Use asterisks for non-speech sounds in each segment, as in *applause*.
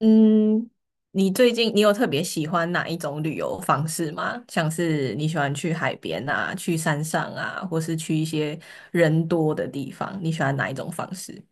嗯，你最近你有特别喜欢哪一种旅游方式吗？像是你喜欢去海边啊，去山上啊，或是去一些人多的地方，你喜欢哪一种方式？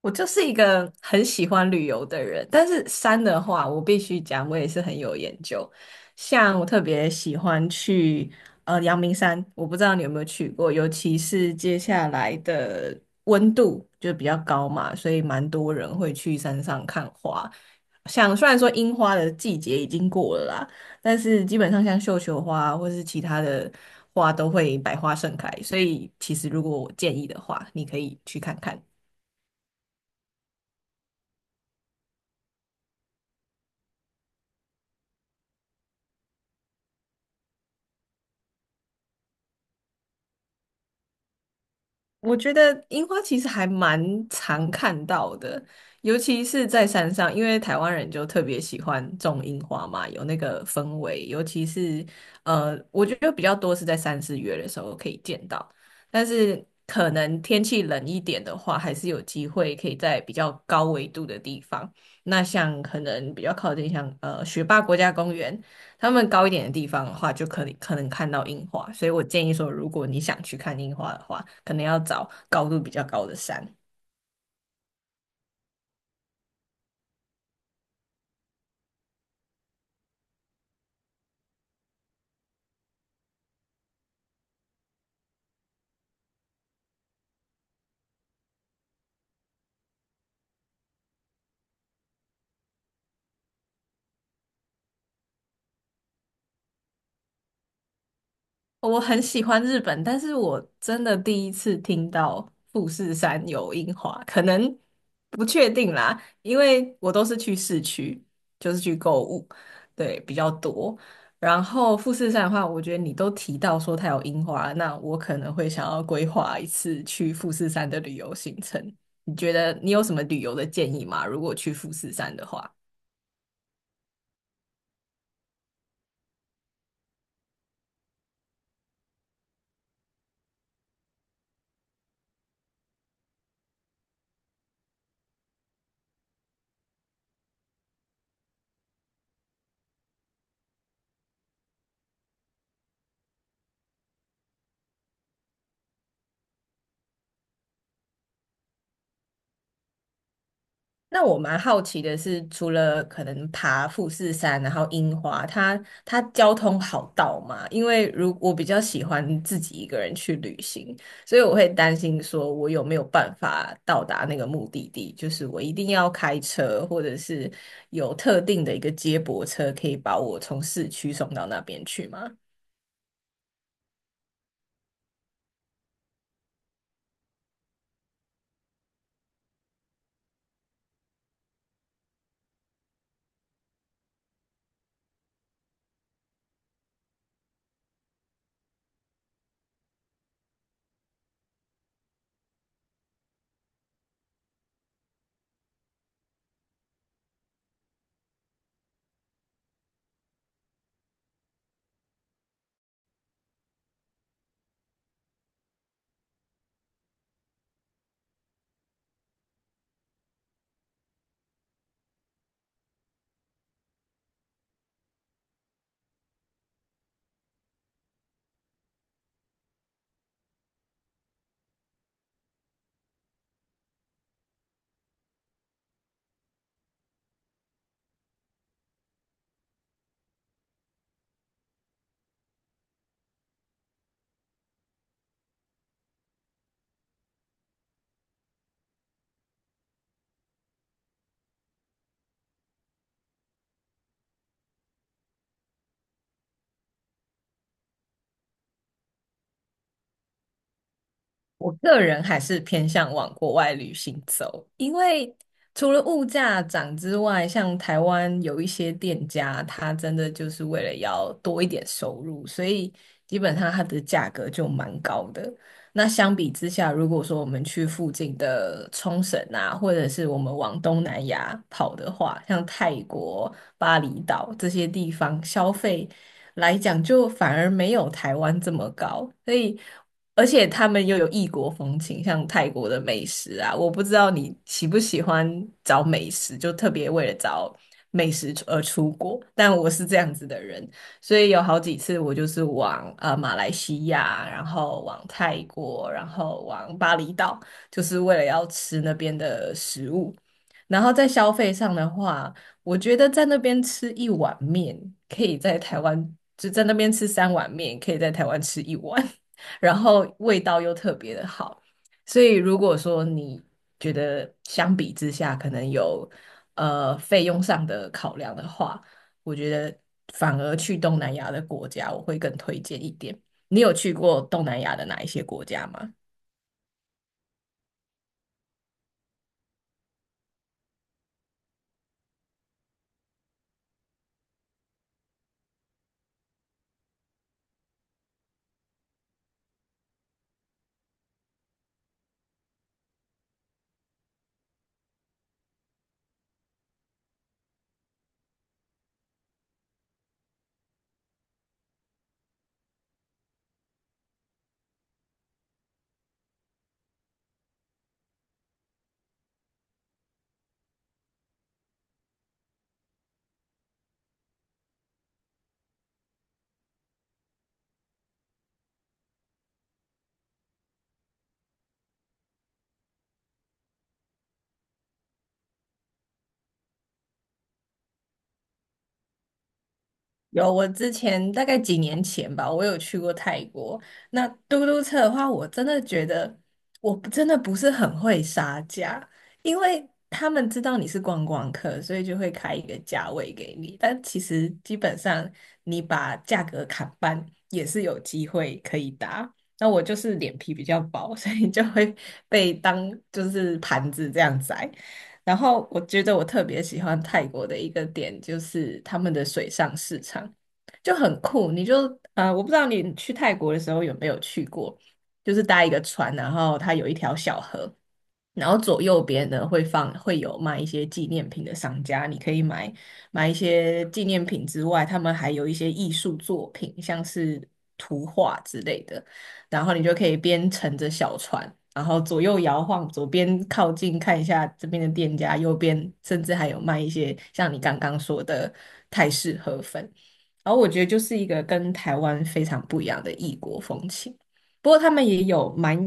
我就是一个很喜欢旅游的人，但是山的话，我必须讲，我也是很有研究。像我特别喜欢去阳明山，我不知道你有没有去过，尤其是接下来的温度就比较高嘛，所以蛮多人会去山上看花。像虽然说樱花的季节已经过了啦，但是基本上像绣球花或是其他的花都会百花盛开，所以其实如果我建议的话，你可以去看看。我觉得樱花其实还蛮常看到的，尤其是在山上，因为台湾人就特别喜欢种樱花嘛，有那个氛围。尤其是我觉得比较多是在三四月的时候可以见到，但是可能天气冷一点的话，还是有机会可以在比较高纬度的地方。那像可能比较靠近像雪霸国家公园，他们高一点的地方的话，就可能看到樱花。所以我建议说，如果你想去看樱花的话，可能要找高度比较高的山。我很喜欢日本，但是我真的第一次听到富士山有樱花，可能不确定啦，因为我都是去市区，就是去购物，对，比较多。然后富士山的话，我觉得你都提到说它有樱花，那我可能会想要规划一次去富士山的旅游行程。你觉得你有什么旅游的建议吗？如果去富士山的话？那我蛮好奇的是，除了可能爬富士山，然后樱花，它交通好到吗？因为如我比较喜欢自己一个人去旅行，所以我会担心说我有没有办法到达那个目的地，就是我一定要开车，或者是有特定的一个接驳车可以把我从市区送到那边去吗？我个人还是偏向往国外旅行走，因为除了物价涨之外，像台湾有一些店家，它真的就是为了要多一点收入，所以基本上它的价格就蛮高的。那相比之下，如果说我们去附近的冲绳啊，或者是我们往东南亚跑的话，像泰国、巴厘岛这些地方，消费来讲就反而没有台湾这么高，所以。而且他们又有异国风情，像泰国的美食啊，我不知道你喜不喜欢找美食，就特别为了找美食出而出国。但我是这样子的人，所以有好几次我就是往马来西亚，然后往泰国，然后往巴厘岛，就是为了要吃那边的食物。然后在消费上的话，我觉得在那边吃一碗面，可以在台湾就在那边吃三碗面，可以在台湾吃一碗。然后味道又特别的好。所以如果说你觉得相比之下可能有费用上的考量的话，我觉得反而去东南亚的国家我会更推荐一点。你有去过东南亚的哪一些国家吗？有，我之前大概几年前吧，我有去过泰国。那嘟嘟车的话，我真的觉得我不真的不是很会杀价，因为他们知道你是观光客，所以就会开一个价位给你。但其实基本上你把价格砍半也是有机会可以打。那我就是脸皮比较薄，所以就会被当就是盘子这样宰。然后我觉得我特别喜欢泰国的一个点就是他们的水上市场就很酷，你就啊，我不知道你去泰国的时候有没有去过，就是搭一个船，然后它有一条小河，然后左右边呢会放会有卖一些纪念品的商家，你可以买一些纪念品之外，他们还有一些艺术作品，像是图画之类的。然后你就可以边乘着小船，然后左右摇晃，左边靠近看一下这边的店家，右边甚至还有卖一些像你刚刚说的泰式河粉。然后我觉得就是一个跟台湾非常不一样的异国风情。不过他们也有蛮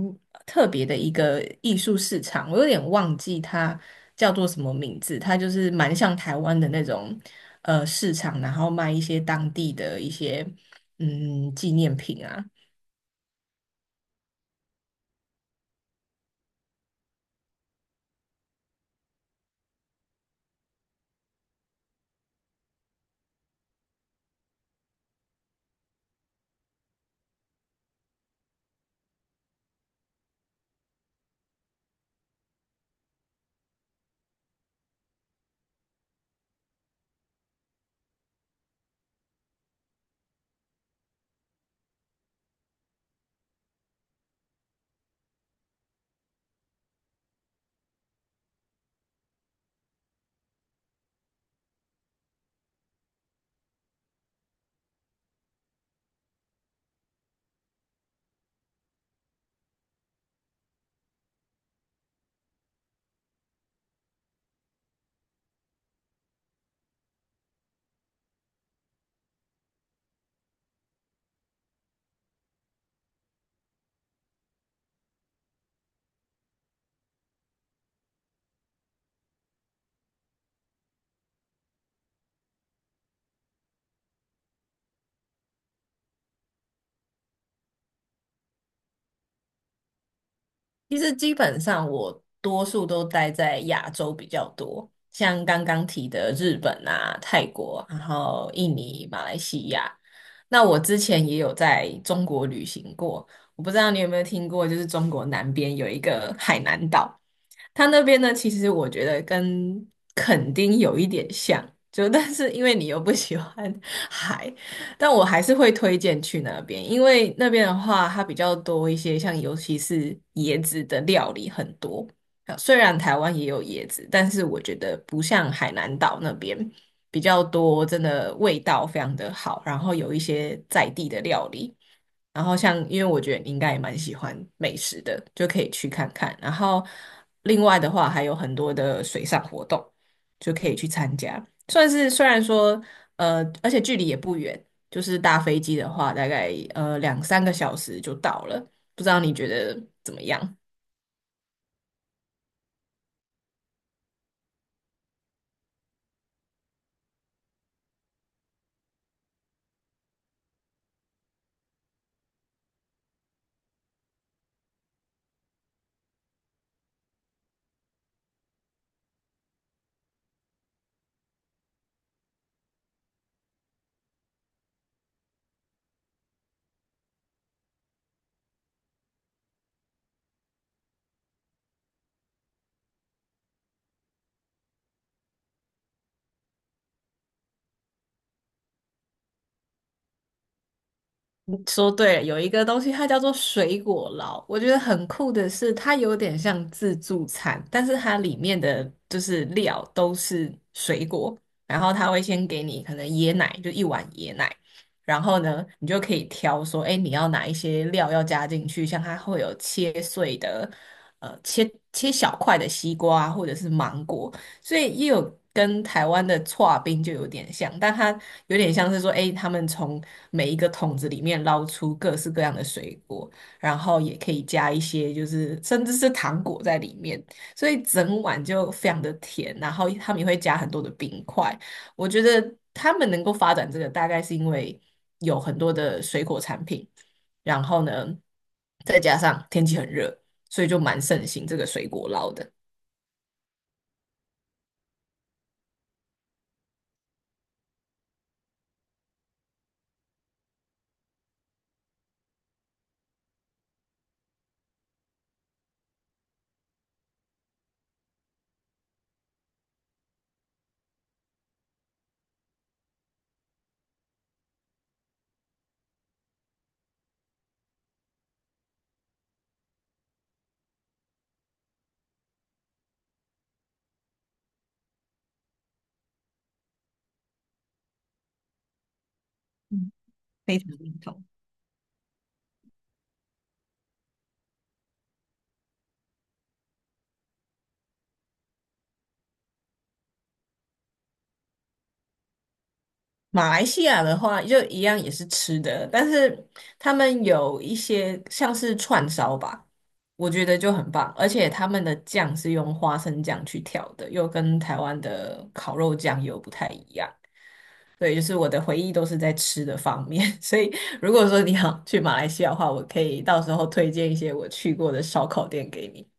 特别的一个艺术市场，我有点忘记它叫做什么名字，它就是蛮像台湾的那种市场，然后卖一些当地的一些纪念品啊。其实基本上我多数都待在亚洲比较多，像刚刚提的日本啊、泰国，然后印尼、马来西亚。那我之前也有在中国旅行过，我不知道你有没有听过，就是中国南边有一个海南岛，它那边呢，其实我觉得跟垦丁有一点像，就 *laughs* 但是因为你又不喜欢海，但我还是会推荐去那边，因为那边的话，它比较多一些，像尤其是椰子的料理很多。啊虽然台湾也有椰子，但是我觉得不像海南岛那边比较多，真的味道非常的好，然后有一些在地的料理。然后像，因为我觉得你应该也蛮喜欢美食的，就可以去看看。然后另外的话，还有很多的水上活动，就可以去参加。算是虽然说，而且距离也不远，就是搭飞机的话，大概两三个小时就到了。不知道你觉得怎么样？说对了，有一个东西它叫做水果捞，我觉得很酷的是，它有点像自助餐，但是它里面的就是料都是水果，然后他会先给你可能椰奶，就一碗椰奶，然后呢，你就可以挑说，哎，你要哪一些料要加进去，像它会有切碎的，切小块的西瓜或者是芒果，所以也有跟台湾的搓冰就有点像，但它有点像是说，哎，他们从每一个桶子里面捞出各式各样的水果，然后也可以加一些就是甚至是糖果在里面，所以整碗就非常的甜，然后他们也会加很多的冰块。我觉得他们能够发展这个，大概是因为有很多的水果产品，然后呢，再加上天气很热，所以就蛮盛行这个水果捞的。非常认同。马来西亚的话，就一样也是吃的，但是他们有一些像是串烧吧，我觉得就很棒，而且他们的酱是用花生酱去调的，又跟台湾的烤肉酱又不太一样。对，就是我的回忆都是在吃的方面，*laughs* 所以如果说你想去马来西亚的话，我可以到时候推荐一些我去过的烧烤店给你。